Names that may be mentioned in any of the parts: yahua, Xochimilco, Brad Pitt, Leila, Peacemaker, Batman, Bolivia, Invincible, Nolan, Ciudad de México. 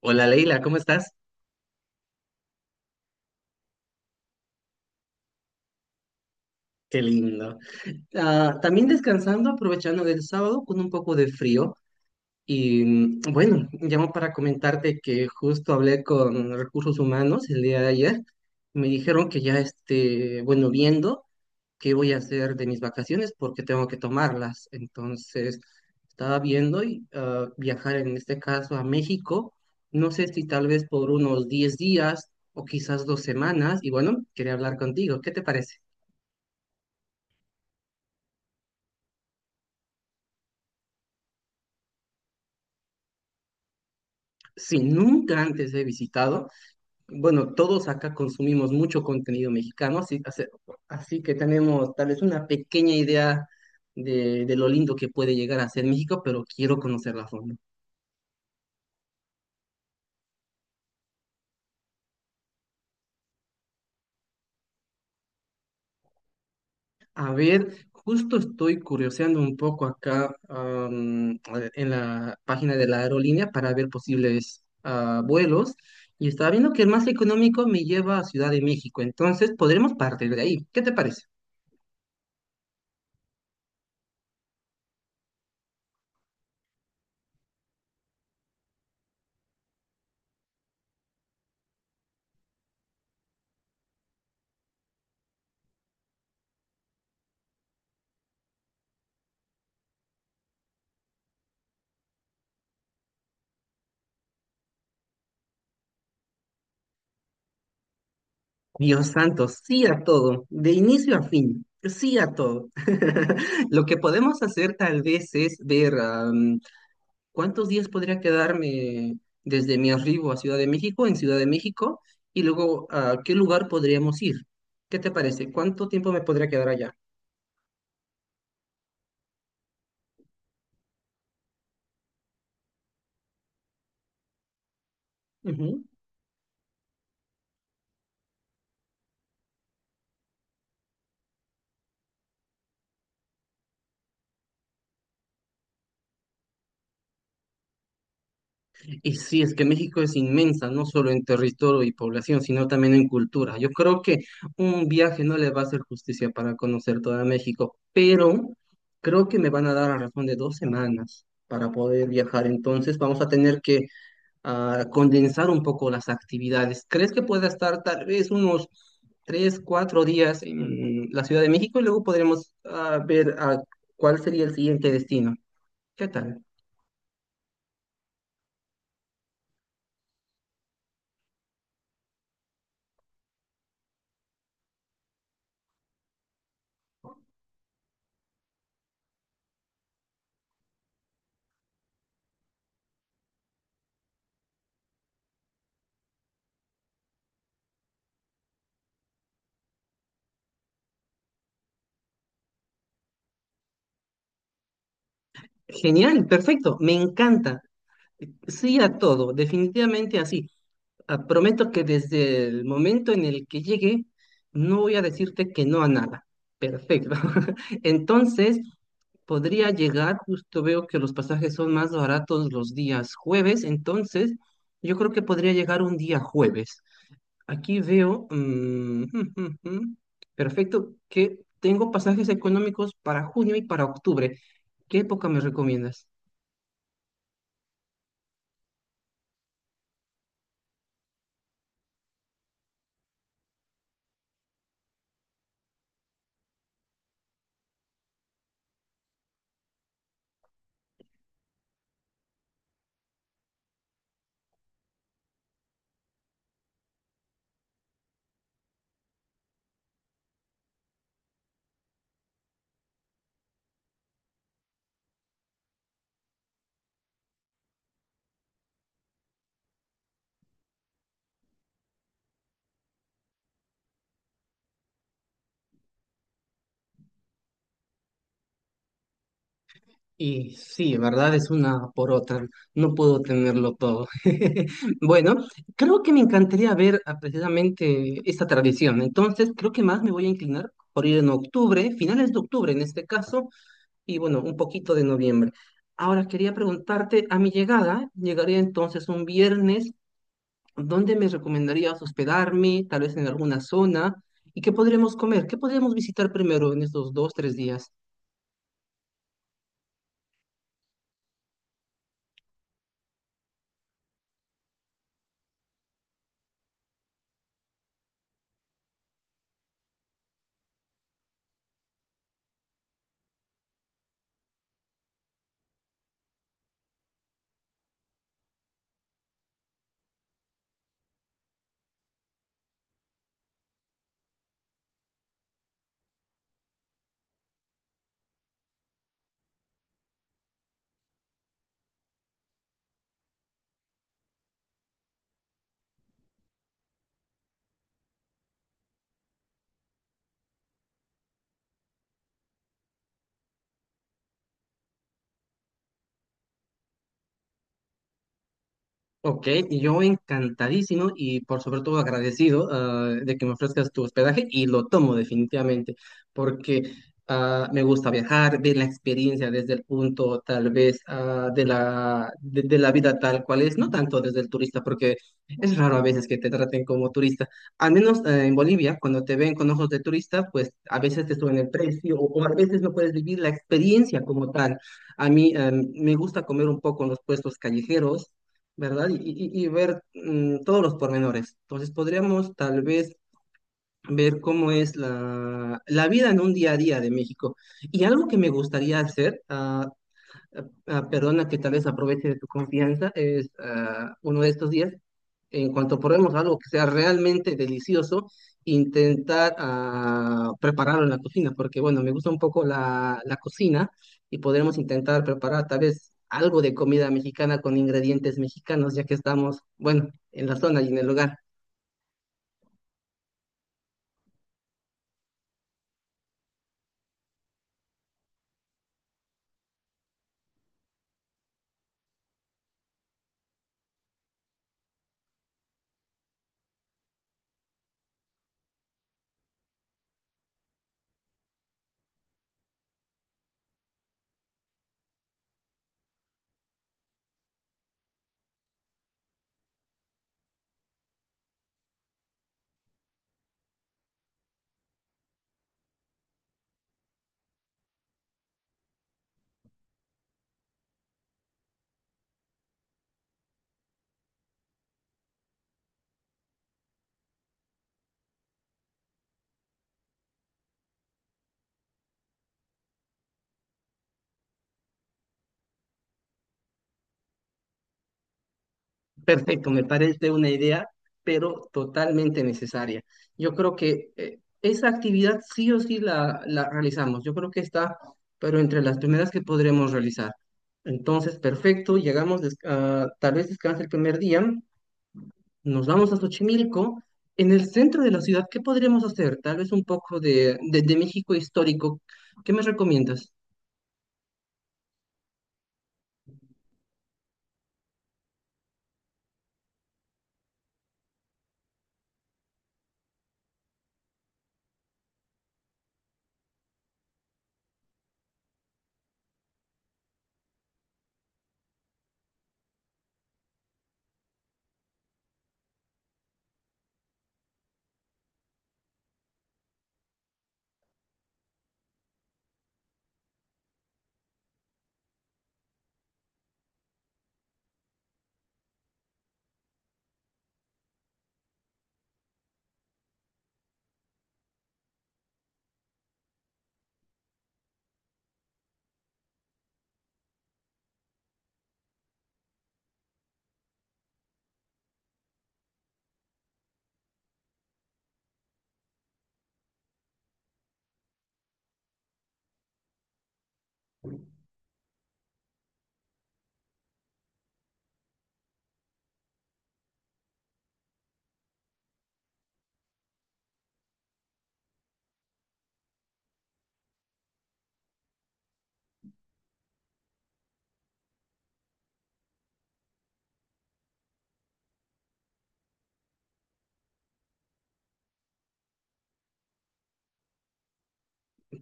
Hola Leila, ¿cómo estás? Qué lindo. También descansando, aprovechando el sábado con un poco de frío. Bueno, llamo para comentarte que justo hablé con recursos humanos el día de ayer. Me dijeron que ya esté, bueno, viendo qué voy a hacer de mis vacaciones porque tengo que tomarlas. Entonces, estaba viendo y viajar en este caso a México. No sé si tal vez por unos 10 días o quizás 2 semanas. Y bueno, quería hablar contigo. ¿Qué te parece? Si nunca antes he visitado, bueno, todos acá consumimos mucho contenido mexicano, así que tenemos tal vez una pequeña idea de lo lindo que puede llegar a ser México, pero quiero conocerla a fondo. A ver, justo estoy curioseando un poco acá en la página de la aerolínea para ver posibles vuelos. Y estaba viendo que el más económico me lleva a Ciudad de México, entonces podremos partir de ahí. ¿Qué te parece? Dios santo, sí a todo, de inicio a fin, sí a todo. Lo que podemos hacer tal vez es ver cuántos días podría quedarme desde mi arribo a Ciudad de México, en Ciudad de México, y luego a qué lugar podríamos ir. ¿Qué te parece? ¿Cuánto tiempo me podría quedar allá? Y sí, es que México es inmensa, no solo en territorio y población, sino también en cultura. Yo creo que un viaje no le va a hacer justicia para conocer toda México, pero creo que me van a dar a razón de 2 semanas para poder viajar. Entonces vamos a tener que condensar un poco las actividades. ¿Crees que pueda estar tal vez unos 3, 4 días en la Ciudad de México y luego podremos ver cuál sería el siguiente destino? ¿Qué tal? Genial, perfecto, me encanta. Sí a todo, definitivamente así. Prometo que desde el momento en el que llegue, no voy a decirte que no a nada. Perfecto. Entonces, podría llegar, justo veo que los pasajes son más baratos los días jueves, entonces yo creo que podría llegar un día jueves. Aquí veo, perfecto, que tengo pasajes económicos para junio y para octubre. ¿Qué época me recomiendas? Y sí, verdad es una por otra, no puedo tenerlo todo. Bueno, creo que me encantaría ver precisamente esta tradición, entonces creo que más me voy a inclinar por ir en octubre, finales de octubre en este caso, y bueno, un poquito de noviembre. Ahora quería preguntarte, a mi llegada, llegaría entonces un viernes, ¿dónde me recomendarías hospedarme? Tal vez en alguna zona, ¿y qué podremos comer? ¿Qué podríamos visitar primero en estos 2, 3 días? Ok, y yo encantadísimo y por sobre todo agradecido de que me ofrezcas tu hospedaje y lo tomo definitivamente porque me gusta viajar, ver la experiencia desde el punto tal vez de la vida tal cual es, no tanto desde el turista porque es raro a veces que te traten como turista. Al menos en Bolivia, cuando te ven con ojos de turista, pues a veces te suben el precio o a veces no puedes vivir la experiencia como tal. A mí me gusta comer un poco en los puestos callejeros, ¿verdad? Y ver todos los pormenores. Entonces podríamos tal vez ver cómo es la vida en un día a día de México. Y algo que me gustaría hacer, perdona que tal vez aproveche de tu confianza, es uno de estos días, en cuanto probemos algo que sea realmente delicioso, intentar prepararlo en la cocina, porque bueno, me gusta un poco la cocina y podremos intentar preparar tal vez algo de comida mexicana con ingredientes mexicanos, ya que estamos, bueno, en la zona y en el lugar. Perfecto, me parece una idea, pero totalmente necesaria. Yo creo que esa actividad sí o sí la realizamos. Yo creo que está, pero entre las primeras que podremos realizar. Entonces, perfecto, llegamos, tal vez descanse el primer día, nos vamos a Xochimilco. En el centro de la ciudad, ¿qué podremos hacer? Tal vez un poco de México histórico. ¿Qué me recomiendas?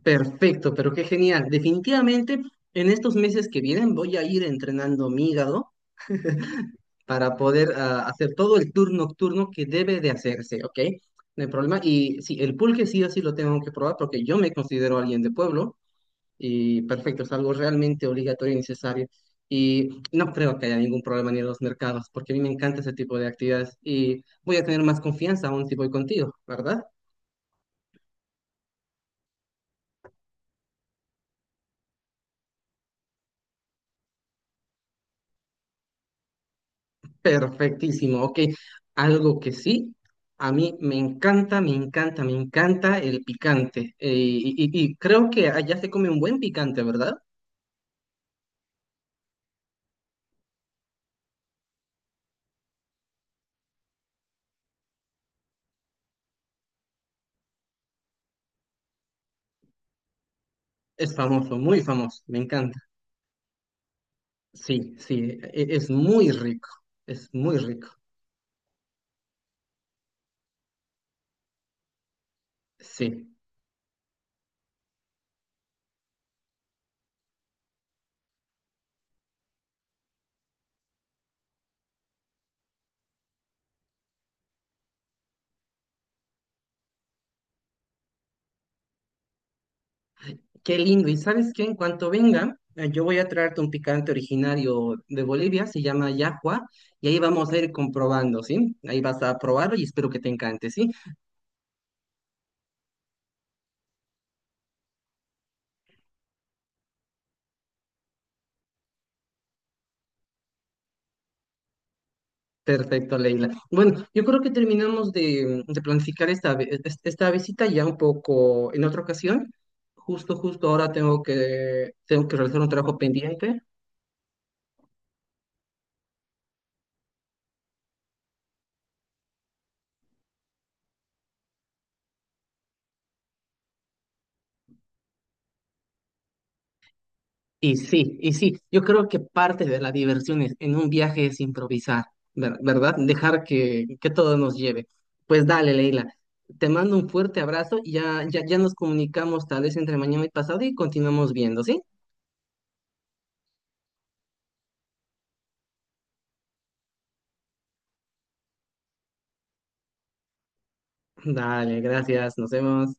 Perfecto, pero qué genial. Definitivamente, en estos meses que vienen voy a ir entrenando mi hígado para poder hacer todo el tour nocturno que debe de hacerse, ¿ok? No hay problema. Y sí, el pulque sí o sí lo tengo que probar porque yo me considero alguien de pueblo y perfecto, es algo realmente obligatorio y necesario. Y no creo que haya ningún problema ni en los mercados porque a mí me encanta ese tipo de actividades y voy a tener más confianza aún si voy contigo, ¿verdad? Perfectísimo, ok. Algo que sí. A mí me encanta, me encanta, me encanta el picante. Y creo que allá se come un buen picante, ¿verdad? Es famoso, muy famoso, me encanta. Sí, sí, es muy rico, es muy rico. Sí, qué lindo. ¿Y sabes qué? En cuanto venga, yo voy a traerte un picante originario de Bolivia, se llama yahua, y ahí vamos a ir comprobando, ¿sí? Ahí vas a probarlo y espero que te encante, ¿sí? Perfecto, Leila. Bueno, yo creo que terminamos de, de planificar esta, vi- e, es- esta visita ya un poco en otra ocasión. Justo ahora tengo que realizar un trabajo pendiente. Y sí, yo creo que parte de la diversión en un viaje es improvisar, ¿verdad? Dejar que todo nos lleve. Pues dale, Leila, te mando un fuerte abrazo y ya, ya, ya nos comunicamos tal vez entre mañana y pasado y continuamos viendo, ¿sí? Dale, gracias, nos vemos.